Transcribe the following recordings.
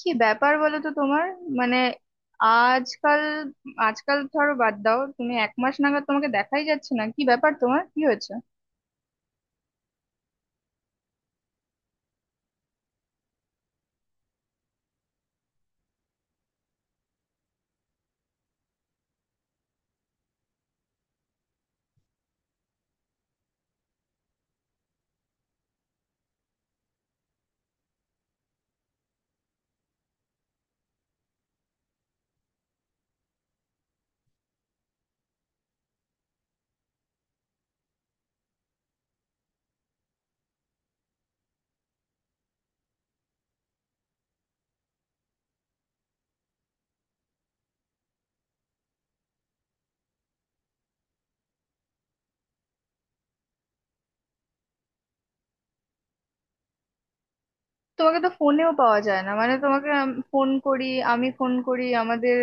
কি ব্যাপার বলো তো তোমার? মানে আজকাল আজকাল ধরো, বাদ দাও, তুমি এক মাস নাগাদ তোমাকে দেখাই যাচ্ছে না, কি ব্যাপার, তোমার কি হয়েছে? তোমাকে তো ফোনেও পাওয়া যায় না, মানে তোমাকে ফোন করি, আমাদের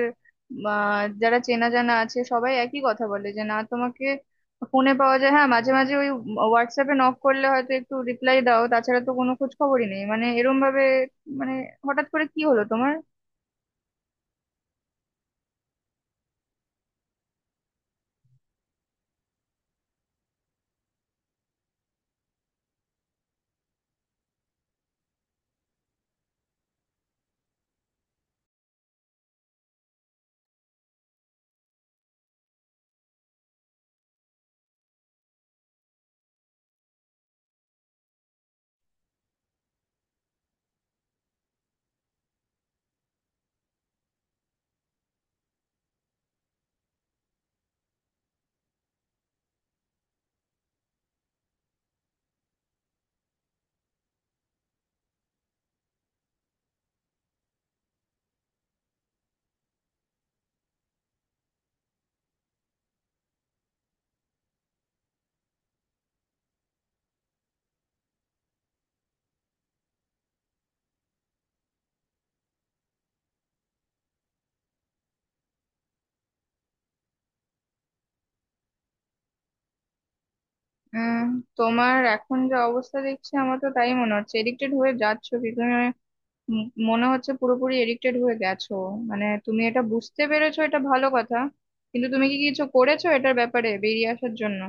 যারা চেনা জানা আছে সবাই একই কথা বলে যে না, তোমাকে ফোনে পাওয়া যায়, হ্যাঁ মাঝে মাঝে ওই হোয়াটসঅ্যাপে নক করলে হয়তো একটু রিপ্লাই দাও, তাছাড়া তো কোনো খোঁজ খবরই নেই, মানে এরম ভাবে, মানে হঠাৎ করে কি হলো তোমার? উম তোমার এখন যা অবস্থা দেখছি, আমার তো তাই মনে হচ্ছে এডিক্টেড হয়ে যাচ্ছো কি তুমি? উম মনে হচ্ছে পুরোপুরি এডিক্টেড হয়ে গেছো। মানে তুমি এটা বুঝতে পেরেছো, এটা ভালো কথা, কিন্তু তুমি কি কিছু করেছো এটার ব্যাপারে বেরিয়ে আসার জন্য?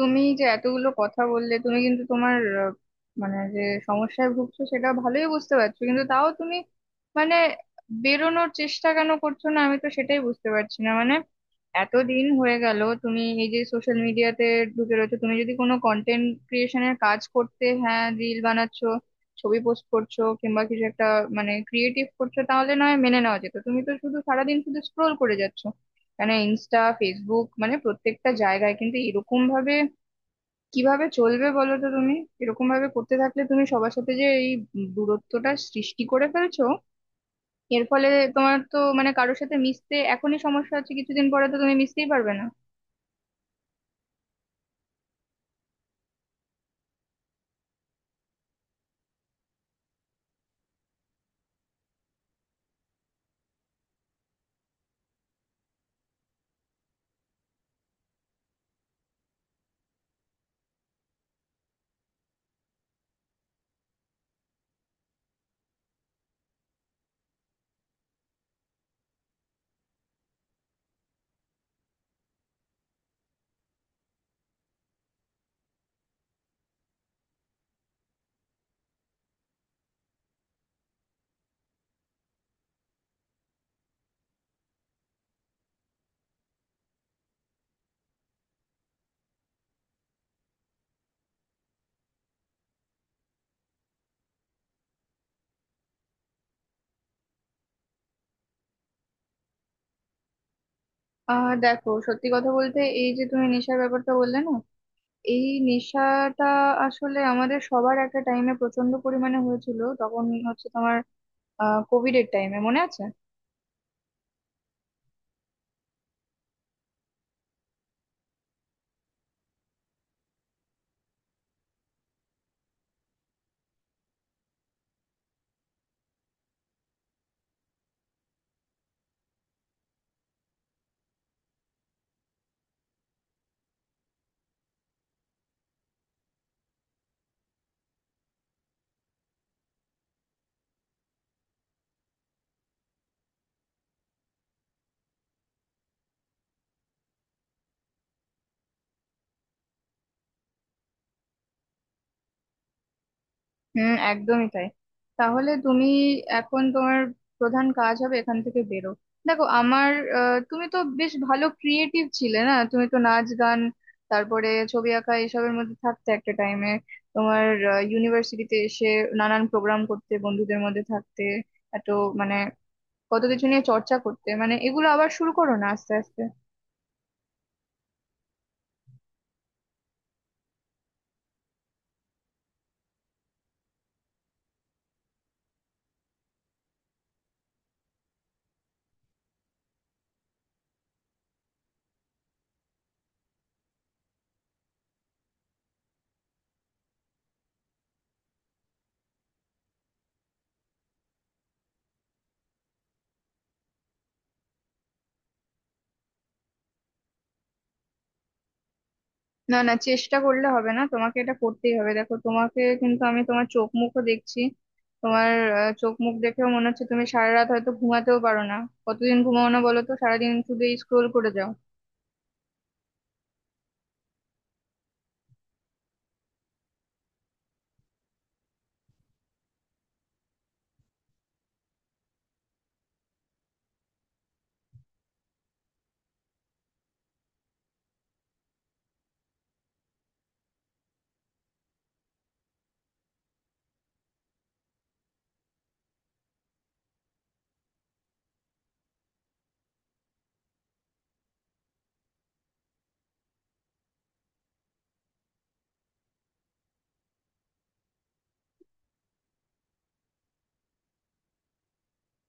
তুমি যে এতগুলো কথা বললে, তুমি কিন্তু তোমার মানে যে সমস্যায় ভুগছো সেটা ভালোই বুঝতে পারছো, কিন্তু তাও তুমি, মানে বেরোনোর চেষ্টা কেন করছো না, আমি তো সেটাই বুঝতে পারছি না। মানে এতদিন হয়ে গেল তুমি এই যে সোশ্যাল মিডিয়াতে ঢুকে রয়েছো, তুমি যদি কোনো কন্টেন্ট ক্রিয়েশনের কাজ করতে, হ্যাঁ রিল বানাচ্ছো, ছবি পোস্ট করছো, কিংবা কিছু একটা মানে ক্রিয়েটিভ করছো, তাহলে নয় মেনে নেওয়া যেত, তুমি তো শুধু সারাদিন শুধু স্ক্রোল করে যাচ্ছো মানে ইনস্টা, ফেসবুক, মানে প্রত্যেকটা জায়গায়। কিন্তু কিভাবে চলবে বলো তো তুমি, এরকম ভাবে করতে থাকলে? তুমি সবার সাথে যে এই দূরত্বটা সৃষ্টি করে ফেলছো, এর ফলে তোমার তো মানে কারোর সাথে মিশতে এখনই সমস্যা হচ্ছে, কিছুদিন পরে তো তুমি মিশতেই পারবে না। দেখো, সত্যি কথা বলতে, এই যে তুমি নেশার ব্যাপারটা বললে না, এই নেশাটা আসলে আমাদের সবার একটা টাইমে প্রচন্ড পরিমাণে হয়েছিল, তখন হচ্ছে তোমার কোভিড এর টাইমে মনে আছে? হুম, একদমই তাই। তাহলে তুমি, এখন তোমার প্রধান কাজ হবে এখান থেকে বেরো। দেখো আমার, তুমি তো বেশ ভালো ক্রিয়েটিভ ছিলে না, তুমি তো নাচ, গান, তারপরে ছবি আঁকা এসবের মধ্যে থাকতে একটা টাইমে। তোমার ইউনিভার্সিটিতে এসে নানান প্রোগ্রাম করতে, বন্ধুদের মধ্যে থাকতে, এত মানে কত কিছু নিয়ে চর্চা করতে, মানে এগুলো আবার শুরু করো না আস্তে আস্তে। না না, চেষ্টা করলে হবে না, তোমাকে এটা করতেই হবে। দেখো তোমাকে কিন্তু আমি তোমার চোখ মুখও দেখছি, তোমার চোখ মুখ দেখেও মনে হচ্ছে তুমি সারা রাত হয়তো ঘুমাতেও পারো না। কতদিন ঘুমাও না বলো তো, সারাদিন শুধু স্ক্রোল করে যাও?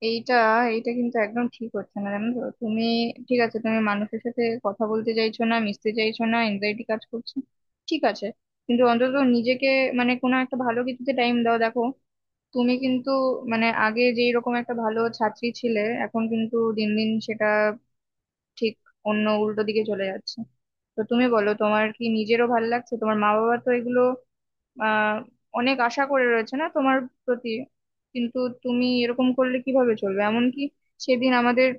এইটা এইটা কিন্তু একদম ঠিক হচ্ছে না, জানো তো তুমি। ঠিক আছে, তুমি মানুষের সাথে কথা বলতে চাইছো না, মিশতে চাইছো না, এনজাইটি কাজ করছে, ঠিক আছে, কিন্তু অন্তত নিজেকে মানে কোনো একটা ভালো কিছুতে টাইম দাও। দেখো তুমি কিন্তু মানে আগে যেই রকম একটা ভালো ছাত্রী ছিলে, এখন কিন্তু দিন দিন সেটা ঠিক অন্য উল্টো দিকে চলে যাচ্ছে। তো তুমি বলো, তোমার কি নিজেরও ভালো লাগছে? তোমার মা বাবা তো এগুলো আহ অনেক আশা করে রয়েছে না তোমার প্রতি, কিন্তু তুমি এরকম করলে কিভাবে চলবে? এমনকি সেদিন আমাদের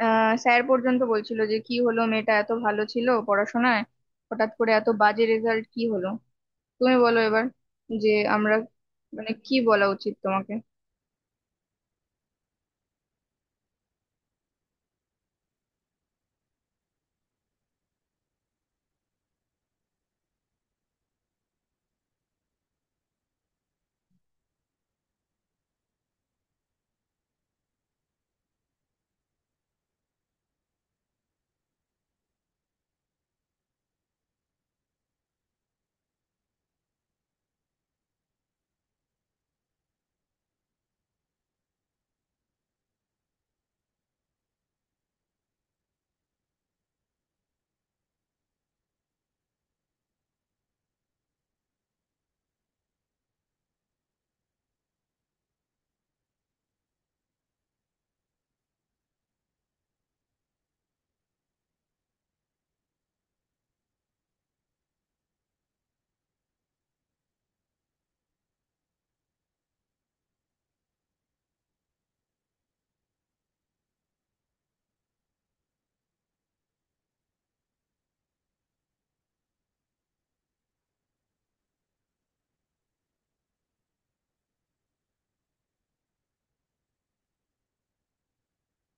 স্যার পর্যন্ত বলছিল যে কি হলো, মেয়েটা এত ভালো ছিল পড়াশোনায়, হঠাৎ করে এত বাজে রেজাল্ট, কি হলো! তুমি বলো এবার যে আমরা মানে কি বলা উচিত তোমাকে।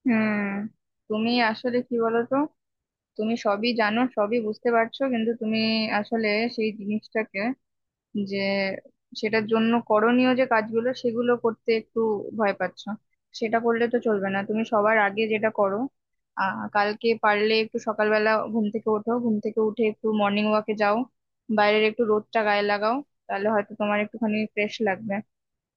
হুম, তুমি আসলে কি বলো তো, তুমি সবই জানো, সবই বুঝতে পারছো, কিন্তু তুমি আসলে সেই জিনিসটাকে, যে সেটার জন্য করণীয় যে কাজগুলো, সেগুলো করতে একটু ভয় পাচ্ছ। সেটা করলে তো চলবে না, তুমি সবার আগে যেটা করো, কালকে পারলে একটু সকালবেলা ঘুম থেকে ওঠো, ঘুম থেকে উঠে একটু মর্নিং ওয়াকে যাও, বাইরের একটু রোদটা গায়ে লাগাও, তাহলে হয়তো তোমার একটুখানি ফ্রেশ লাগবে।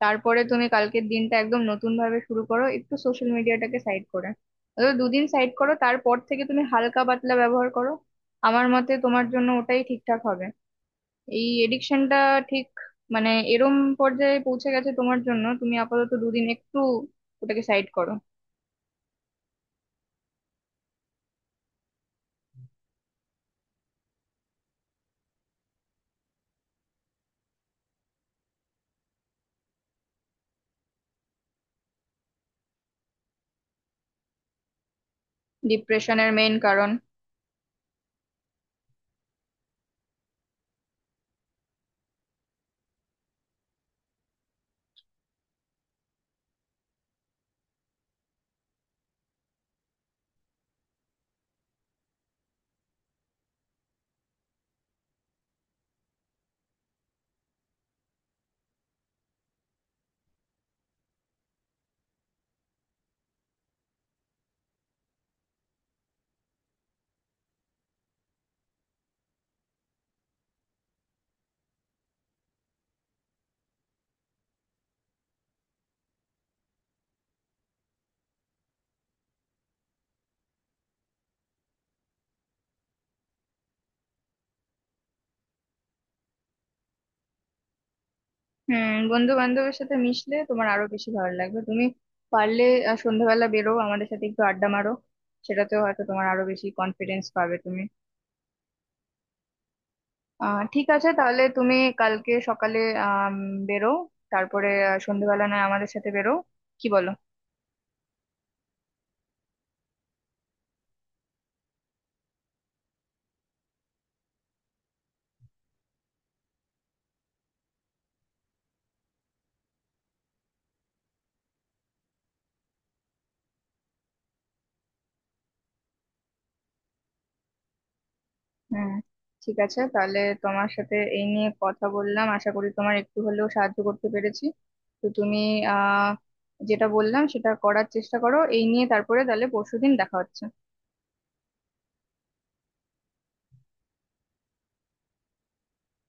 তারপরে তুমি কালকের দিনটা একদম নতুন ভাবে শুরু করো, একটু সোশ্যাল মিডিয়াটাকে সাইড করে। অন্তত দুদিন সাইড করো, তারপর থেকে তুমি হালকা পাতলা ব্যবহার করো। আমার মতে তোমার জন্য ওটাই ঠিকঠাক হবে। এই এডিকশনটা ঠিক মানে এরম পর্যায়ে পৌঁছে গেছে তোমার জন্য, তুমি আপাতত দুদিন একটু ওটাকে সাইড করো। ডিপ্রেশনের মেইন কারণ। হুম, বন্ধু বান্ধবের সাথে মিশলে তোমার আরো বেশি ভালো লাগবে, তুমি পারলে সন্ধ্যাবেলা বেরো, আমাদের সাথে একটু আড্ডা মারো, সেটাতেও হয়তো তোমার আরো বেশি কনফিডেন্স পাবে তুমি। ঠিক আছে, তাহলে তুমি কালকে সকালে আম, বেরো, তারপরে সন্ধেবেলা নয় আমাদের সাথে বেরো, কি বলো? হুম, ঠিক আছে, তাহলে তোমার সাথে এই নিয়ে কথা বললাম, আশা করি তোমার একটু হলেও সাহায্য করতে পেরেছি। তো তুমি আহ যেটা বললাম সেটা করার চেষ্টা করো এই নিয়ে, তারপরে তাহলে পরশুদিন দেখা হচ্ছে।